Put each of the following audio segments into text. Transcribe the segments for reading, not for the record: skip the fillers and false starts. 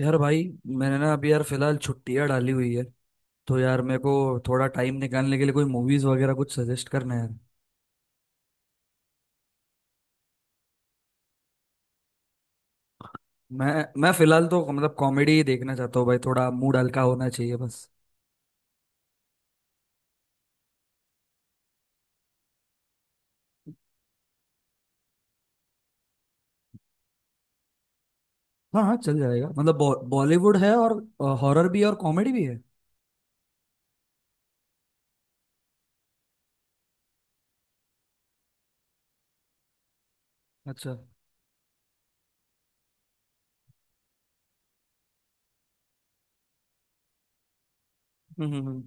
यार भाई, मैंने ना अभी यार फिलहाल छुट्टियां डाली हुई है तो यार मेरे को थोड़ा टाइम निकालने के लिए कोई मूवीज वगैरह कुछ सजेस्ट करना है यार। मैं मैं फिलहाल तो मतलब कॉमेडी ही देखना चाहता हूँ भाई, थोड़ा मूड हल्का होना चाहिए बस। हाँ हाँ, चल जाएगा। मतलब बॉलीवुड है और हॉरर भी है और कॉमेडी भी है। अच्छा। हम्म, हम्म, हम्म।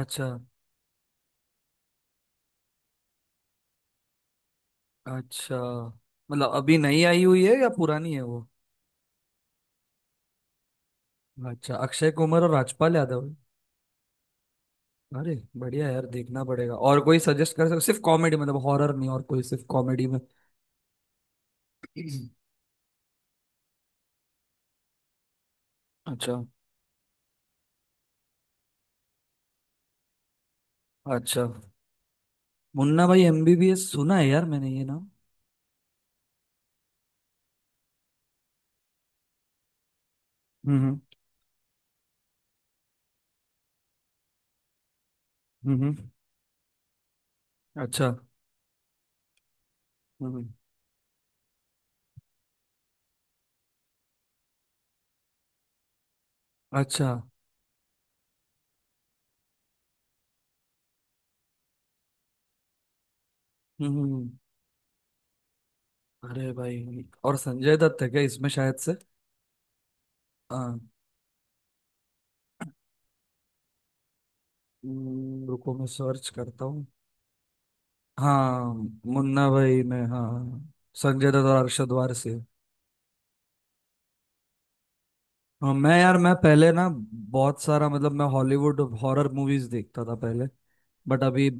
अच्छा। अच्छा, मतलब अभी नई आई हुई है या पुरानी है वो? अच्छा, अक्षय कुमार और राजपाल यादव है। अरे बढ़िया यार, देखना पड़ेगा। और कोई सजेस्ट कर सकते? सिर्फ कॉमेडी, मतलब हॉरर नहीं, और कोई सिर्फ कॉमेडी में। अच्छा, अच्छा। मुन्ना भाई एमबीबीएस सुना है यार मैंने ये नाम। हम्म, हम्म, हम्म। अच्छा। हम्म। अच्छा। हम्म। अरे भाई, और संजय दत्त है क्या इसमें शायद से? हाँ। रुको मैं सर्च करता हूँ। हाँ, मुन्ना भाई में हाँ हाँ, हाँ। संजय दत्त और अरशद वारसी। हाँ, मैं यार मैं पहले ना बहुत सारा, मतलब मैं हॉलीवुड हॉरर मूवीज देखता था पहले। बट अभी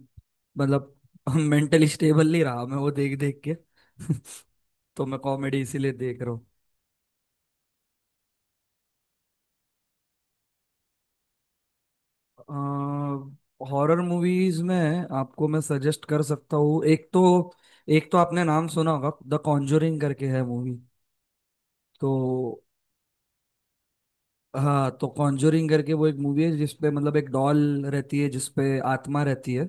मतलब मेंटली स्टेबल नहीं रहा मैं वो देख देख के। तो मैं कॉमेडी इसीलिए देख रहा हूँ। हॉरर मूवीज में आपको मैं सजेस्ट कर सकता हूँ। एक तो आपने नाम सुना होगा द कॉन्जोरिंग करके है मूवी। तो हाँ, तो कॉन्जोरिंग करके वो एक मूवी है जिसपे मतलब एक डॉल रहती है जिसपे आत्मा रहती है।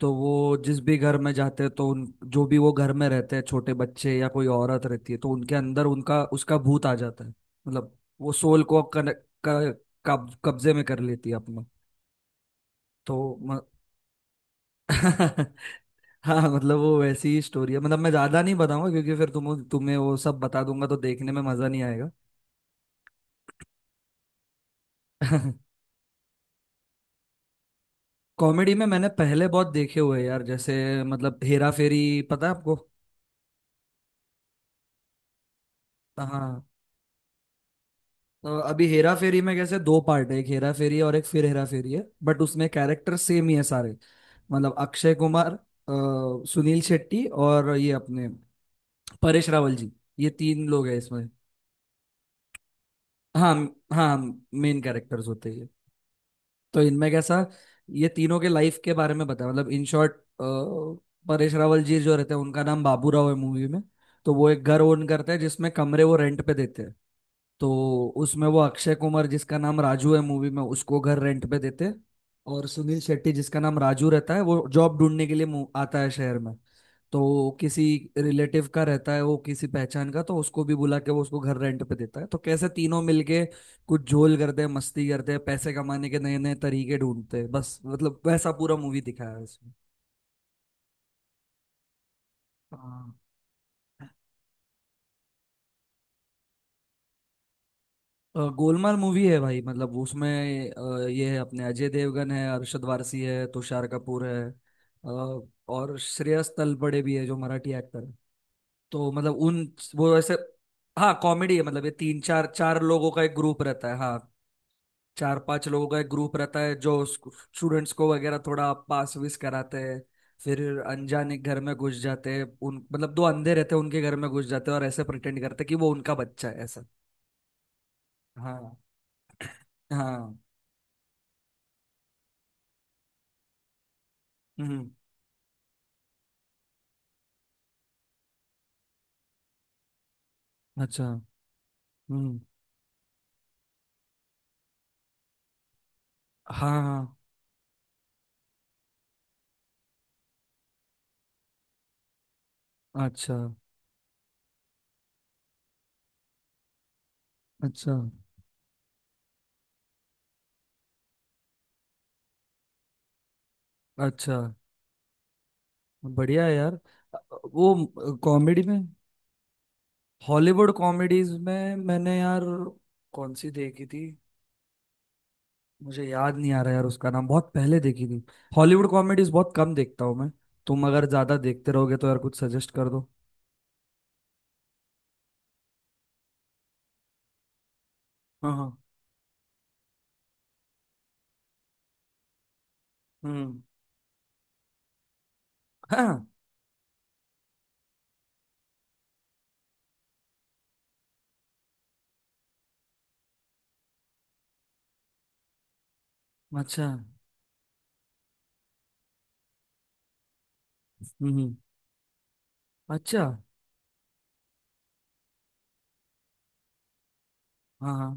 तो वो जिस भी घर में जाते हैं तो उन जो भी वो घर में रहते हैं छोटे बच्चे या कोई औरत रहती है, तो उनके अंदर उनका उसका भूत आ जाता है। मतलब वो सोल को कब्जे में कर लेती है अपना। तो म- हाँ, मतलब वो वैसी ही स्टोरी है। मतलब मैं ज्यादा नहीं बताऊंगा क्योंकि फिर तुम तुम्हें वो सब बता दूंगा तो देखने में मजा नहीं आएगा। कॉमेडी में मैंने पहले बहुत देखे हुए हैं यार, जैसे मतलब हेरा फेरी, पता है आपको? हाँ, तो अभी हेरा फेरी में कैसे दो पार्ट है। एक हेरा फेरी है और एक फिर हेरा फेरी है, बट उसमें कैरेक्टर सेम ही है सारे। मतलब अक्षय कुमार, सुनील शेट्टी और ये अपने परेश रावल जी, ये तीन लोग हैं इसमें। हाँ हाँ, मेन कैरेक्टर्स होते हैं। तो इनमें कैसा, ये तीनों के लाइफ के बारे में बताया, मतलब इन शॉर्ट। परेश रावल जी जो रहते हैं उनका नाम बाबू राव है मूवी में। तो वो एक घर ओन करते हैं जिसमें कमरे वो रेंट पे देते हैं। तो उसमें वो अक्षय कुमार जिसका नाम राजू है मूवी में उसको घर रेंट पे देते हैं। और सुनील शेट्टी जिसका नाम राजू रहता है वो जॉब ढूंढने के लिए आता है शहर में। तो किसी रिलेटिव का रहता है वो, किसी पहचान का, तो उसको भी बुला के वो उसको घर रेंट पे देता है। तो कैसे तीनों मिलके कुछ झोल करते हैं, मस्ती करते हैं, पैसे कमाने के नए नए तरीके ढूंढते हैं बस। मतलब वैसा पूरा मूवी दिखाया है इसमें। हाँ, गोलमाल मूवी है भाई। मतलब उसमें ये है अपने अजय देवगन है, अरशद वारसी है, तुषार कपूर है, अ, और श्रेयस तलपड़े भी है जो मराठी एक्टर है। तो मतलब उन वो ऐसे हाँ, कॉमेडी है। मतलब ये तीन चार चार लोगों का एक ग्रुप रहता है। हाँ, चार पांच लोगों का एक ग्रुप रहता है जो स्टूडेंट्स को वगैरह थोड़ा पास विस कराते हैं। फिर अनजाने घर में घुस जाते हैं। उन मतलब दो अंधे रहते हैं, उनके घर में घुस जाते हैं और ऐसे प्रिटेंड करते हैं कि वो उनका बच्चा है ऐसा। हाँ हाँ। हम्म। अच्छा। हम्म। हाँ हाँ। अच्छा, अच्छा, अच्छा। बढ़िया है यार। अ, वो कॉमेडी में, हॉलीवुड कॉमेडीज में मैंने यार कौन सी देखी थी मुझे याद नहीं आ रहा यार उसका नाम, बहुत पहले देखी थी। हॉलीवुड कॉमेडीज बहुत कम देखता हूँ मैं। तुम अगर ज्यादा देखते रहोगे तो यार कुछ सजेस्ट कर दो। हाँ हाँ। हम्म। हाँ। अच्छा। हम्म। अच्छा। हाँ हाँ।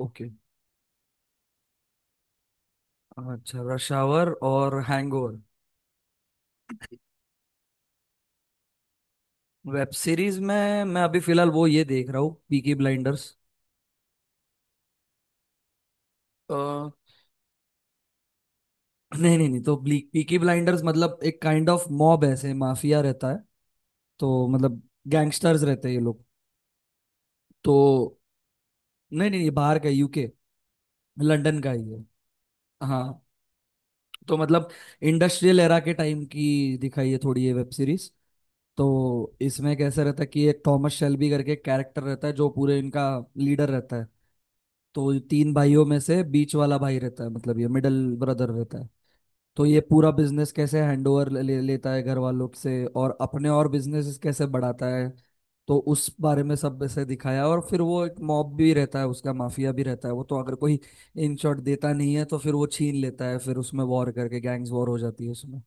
ओके। अच्छा, रश आवर और हैंगओवर। वेब सीरीज में मैं अभी फिलहाल वो ये देख रहा हूँ पीकी ब्लाइंडर्स। अ, नहीं नहीं नहीं, तो पीकी ब्लाइंडर्स मतलब एक काइंड ऑफ मॉब, ऐसे माफिया रहता है। तो मतलब गैंगस्टर्स रहते हैं ये लोग। तो नहीं नहीं, ये बाहर का, यूके, लंदन का ही है। हाँ, तो मतलब इंडस्ट्रियल एरा के टाइम की दिखाई है थोड़ी ये वेब सीरीज। तो इसमें कैसा रहता है कि एक थॉमस शेल्बी करके कैरेक्टर रहता है जो पूरे इनका लीडर रहता है। तो ये तीन भाइयों में से बीच वाला भाई रहता है, मतलब ये मिडल ब्रदर रहता है। तो ये पूरा बिजनेस कैसे हैंडओवर ले लेता है घर वालों से और अपने और बिजनेस कैसे बढ़ाता है, तो उस बारे में सब ऐसे दिखाया। और फिर वो एक मॉब भी रहता है, उसका माफिया भी रहता है वो। तो अगर कोई इन शॉट देता नहीं है तो फिर वो छीन लेता है। फिर उसमें वॉर करके गैंग्स वॉर हो जाती है उसमें।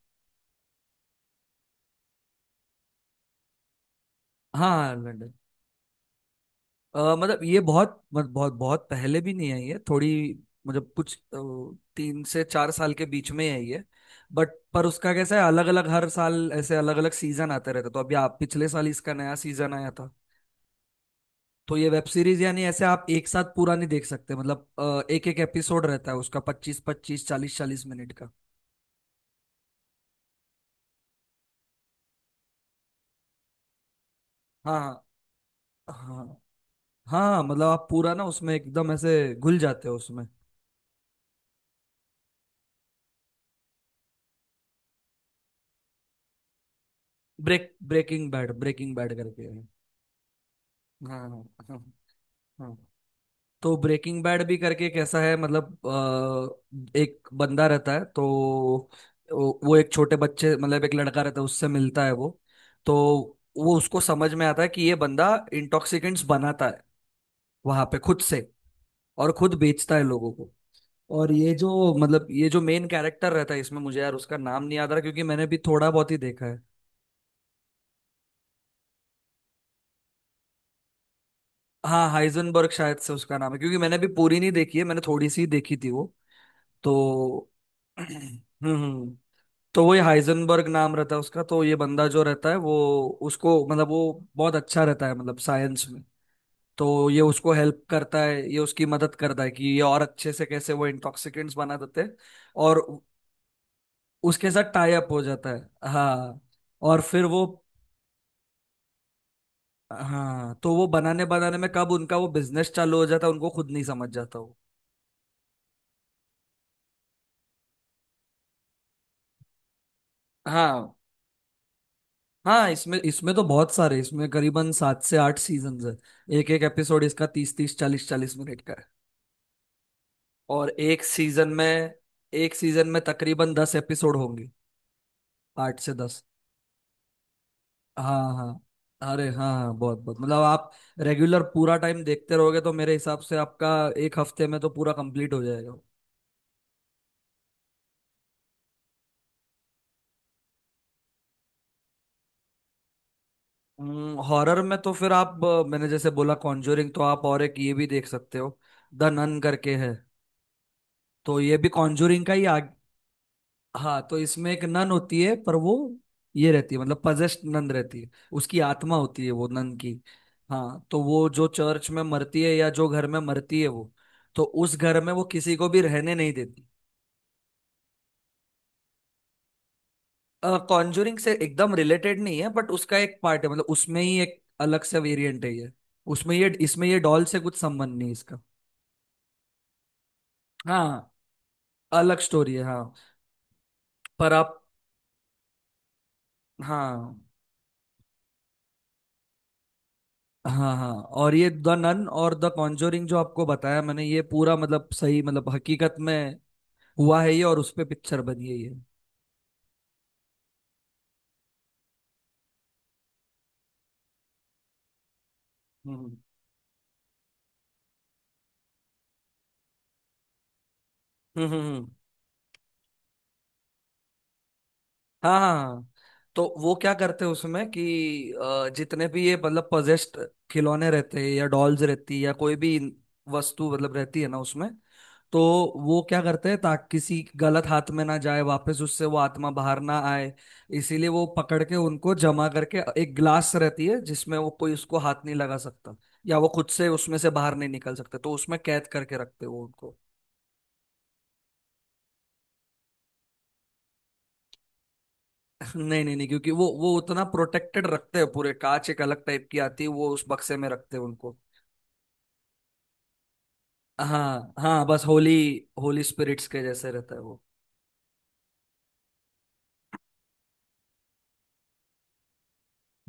हाँ, लंदन। मतलब ये बहुत बहुत पहले भी नहीं आई है थोड़ी। मतलब कुछ 3 से 4 साल के बीच में आई है। बट पर उसका कैसा है, अलग अलग हर साल ऐसे अलग अलग सीजन आते रहते। तो अभी आप पिछले साल इसका नया सीजन आया था। तो ये वेब सीरीज यानी ऐसे आप एक साथ पूरा नहीं देख सकते। मतलब एक एक एपिसोड रहता है उसका पच्चीस पच्चीस चालीस चालीस मिनट का। हाँ हाँ हाँ, मतलब आप पूरा ना उसमें एकदम ऐसे घुल जाते हो उसमें। Break Breaking Bad, Breaking Bad करके है। हाँ हाँ। हाँ हाँ। तो ब्रेकिंग बैड भी करके कैसा है, मतलब एक बंदा रहता है। तो वो एक छोटे बच्चे, मतलब एक लड़का रहता है उससे मिलता है वो। तो वो उसको समझ में आता है कि ये बंदा इंटॉक्सिकेंट्स बनाता है वहां पे खुद से, और खुद बेचता है लोगों को। और ये जो मेन कैरेक्टर रहता है इसमें, मुझे यार उसका नाम नहीं याद आ रहा क्योंकि मैंने भी थोड़ा बहुत ही देखा है। हाँ, हाइजनबर्ग शायद से उसका नाम है क्योंकि मैंने भी पूरी नहीं देखी है, मैंने थोड़ी सी ही देखी थी वो। तो हम्म, तो वही हाइजनबर्ग नाम रहता है उसका। तो ये बंदा जो रहता है वो उसको, मतलब वो बहुत अच्छा रहता है मतलब साइंस में। तो ये उसको हेल्प करता है, ये उसकी मदद करता है कि ये और अच्छे से कैसे वो इंटॉक्सिकेंट्स बना देते हैं। और उसके साथ टाई अप हो जाता है, हाँ। और फिर वो, हाँ, तो वो बनाने बनाने में कब उनका वो बिजनेस चालू हो जाता है उनको खुद नहीं समझ जाता वो। हाँ हाँ, इसमें इसमें तो बहुत सारे, इसमें करीबन 7 से 8 सीजन्स है। एक एक एपिसोड इसका तीस तीस चालीस चालीस मिनट का है। और एक सीजन में तकरीबन 10 एपिसोड होंगे, 8 से 10। हाँ हाँ। अरे हाँ हाँ, बहुत बहुत मतलब आप रेगुलर पूरा टाइम देखते रहोगे तो मेरे हिसाब से आपका एक हफ्ते में तो पूरा कंप्लीट हो जाएगा। हॉरर में तो फिर आप मैंने जैसे बोला कॉन्जोरिंग, तो आप और एक ये भी देख सकते हो, द नन करके है। तो ये भी कॉन्जोरिंग का ही। हाँ, तो इसमें एक नन होती है पर वो, ये रहती है मतलब पजेस्ट नन रहती है। उसकी आत्मा होती है वो नन की। हाँ, तो वो जो चर्च में मरती है या जो घर में मरती है वो, तो उस घर में वो किसी को भी रहने नहीं देती। कॉन्जूरिंग से एकदम रिलेटेड नहीं है बट उसका एक पार्ट है, मतलब उसमें ही एक अलग सा वेरिएंट है ये। उसमें ये इसमें ये डॉल से कुछ संबंध नहीं है इसका। हाँ, अलग स्टोरी है हाँ। पर आप हाँ हाँ हाँ। और ये द नन और द कॉन्जोरिंग जो आपको बताया मैंने, ये पूरा मतलब सही, मतलब हकीकत में हुआ है ये, और उस पे पिक्चर बनी है ये। हम्म, हम्म, हम्म। हाँ हाँ हाँ। तो वो क्या करते हैं उसमें कि जितने भी ये मतलब पजेस्ड खिलौने रहते हैं या डॉल्स रहती है या कोई भी वस्तु मतलब रहती है ना उसमें। तो वो क्या करते हैं, ताकि किसी गलत हाथ में ना जाए, वापस उससे वो आत्मा बाहर ना आए, इसीलिए वो पकड़ के उनको जमा करके एक ग्लास रहती है जिसमें वो कोई उसको हाथ नहीं लगा सकता, या वो खुद से उसमें से बाहर नहीं निकल सकता, तो उसमें कैद करके रखते हैं वो उनको। नहीं नहीं नहीं, क्योंकि वो उतना प्रोटेक्टेड रखते हैं पूरे। कांच एक अलग टाइप की आती है वो, उस बक्से में रखते हैं उनको। हाँ हाँ, बस होली होली स्पिरिट्स के जैसे रहता है वो।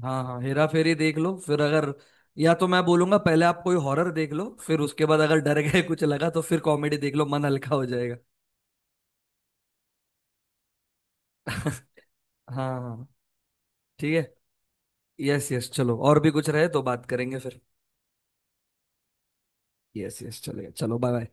हाँ हाँ, हेरा फेरी देख लो। फिर अगर, या तो मैं बोलूंगा पहले आप कोई हॉरर देख लो, फिर उसके बाद अगर डर गए कुछ लगा तो फिर कॉमेडी देख लो, मन हल्का हो जाएगा। हाँ हाँ। ठीक है। यस यस, चलो और भी कुछ रहे तो बात करेंगे फिर। यस यस, चलेगा। चलो, बाय बाय।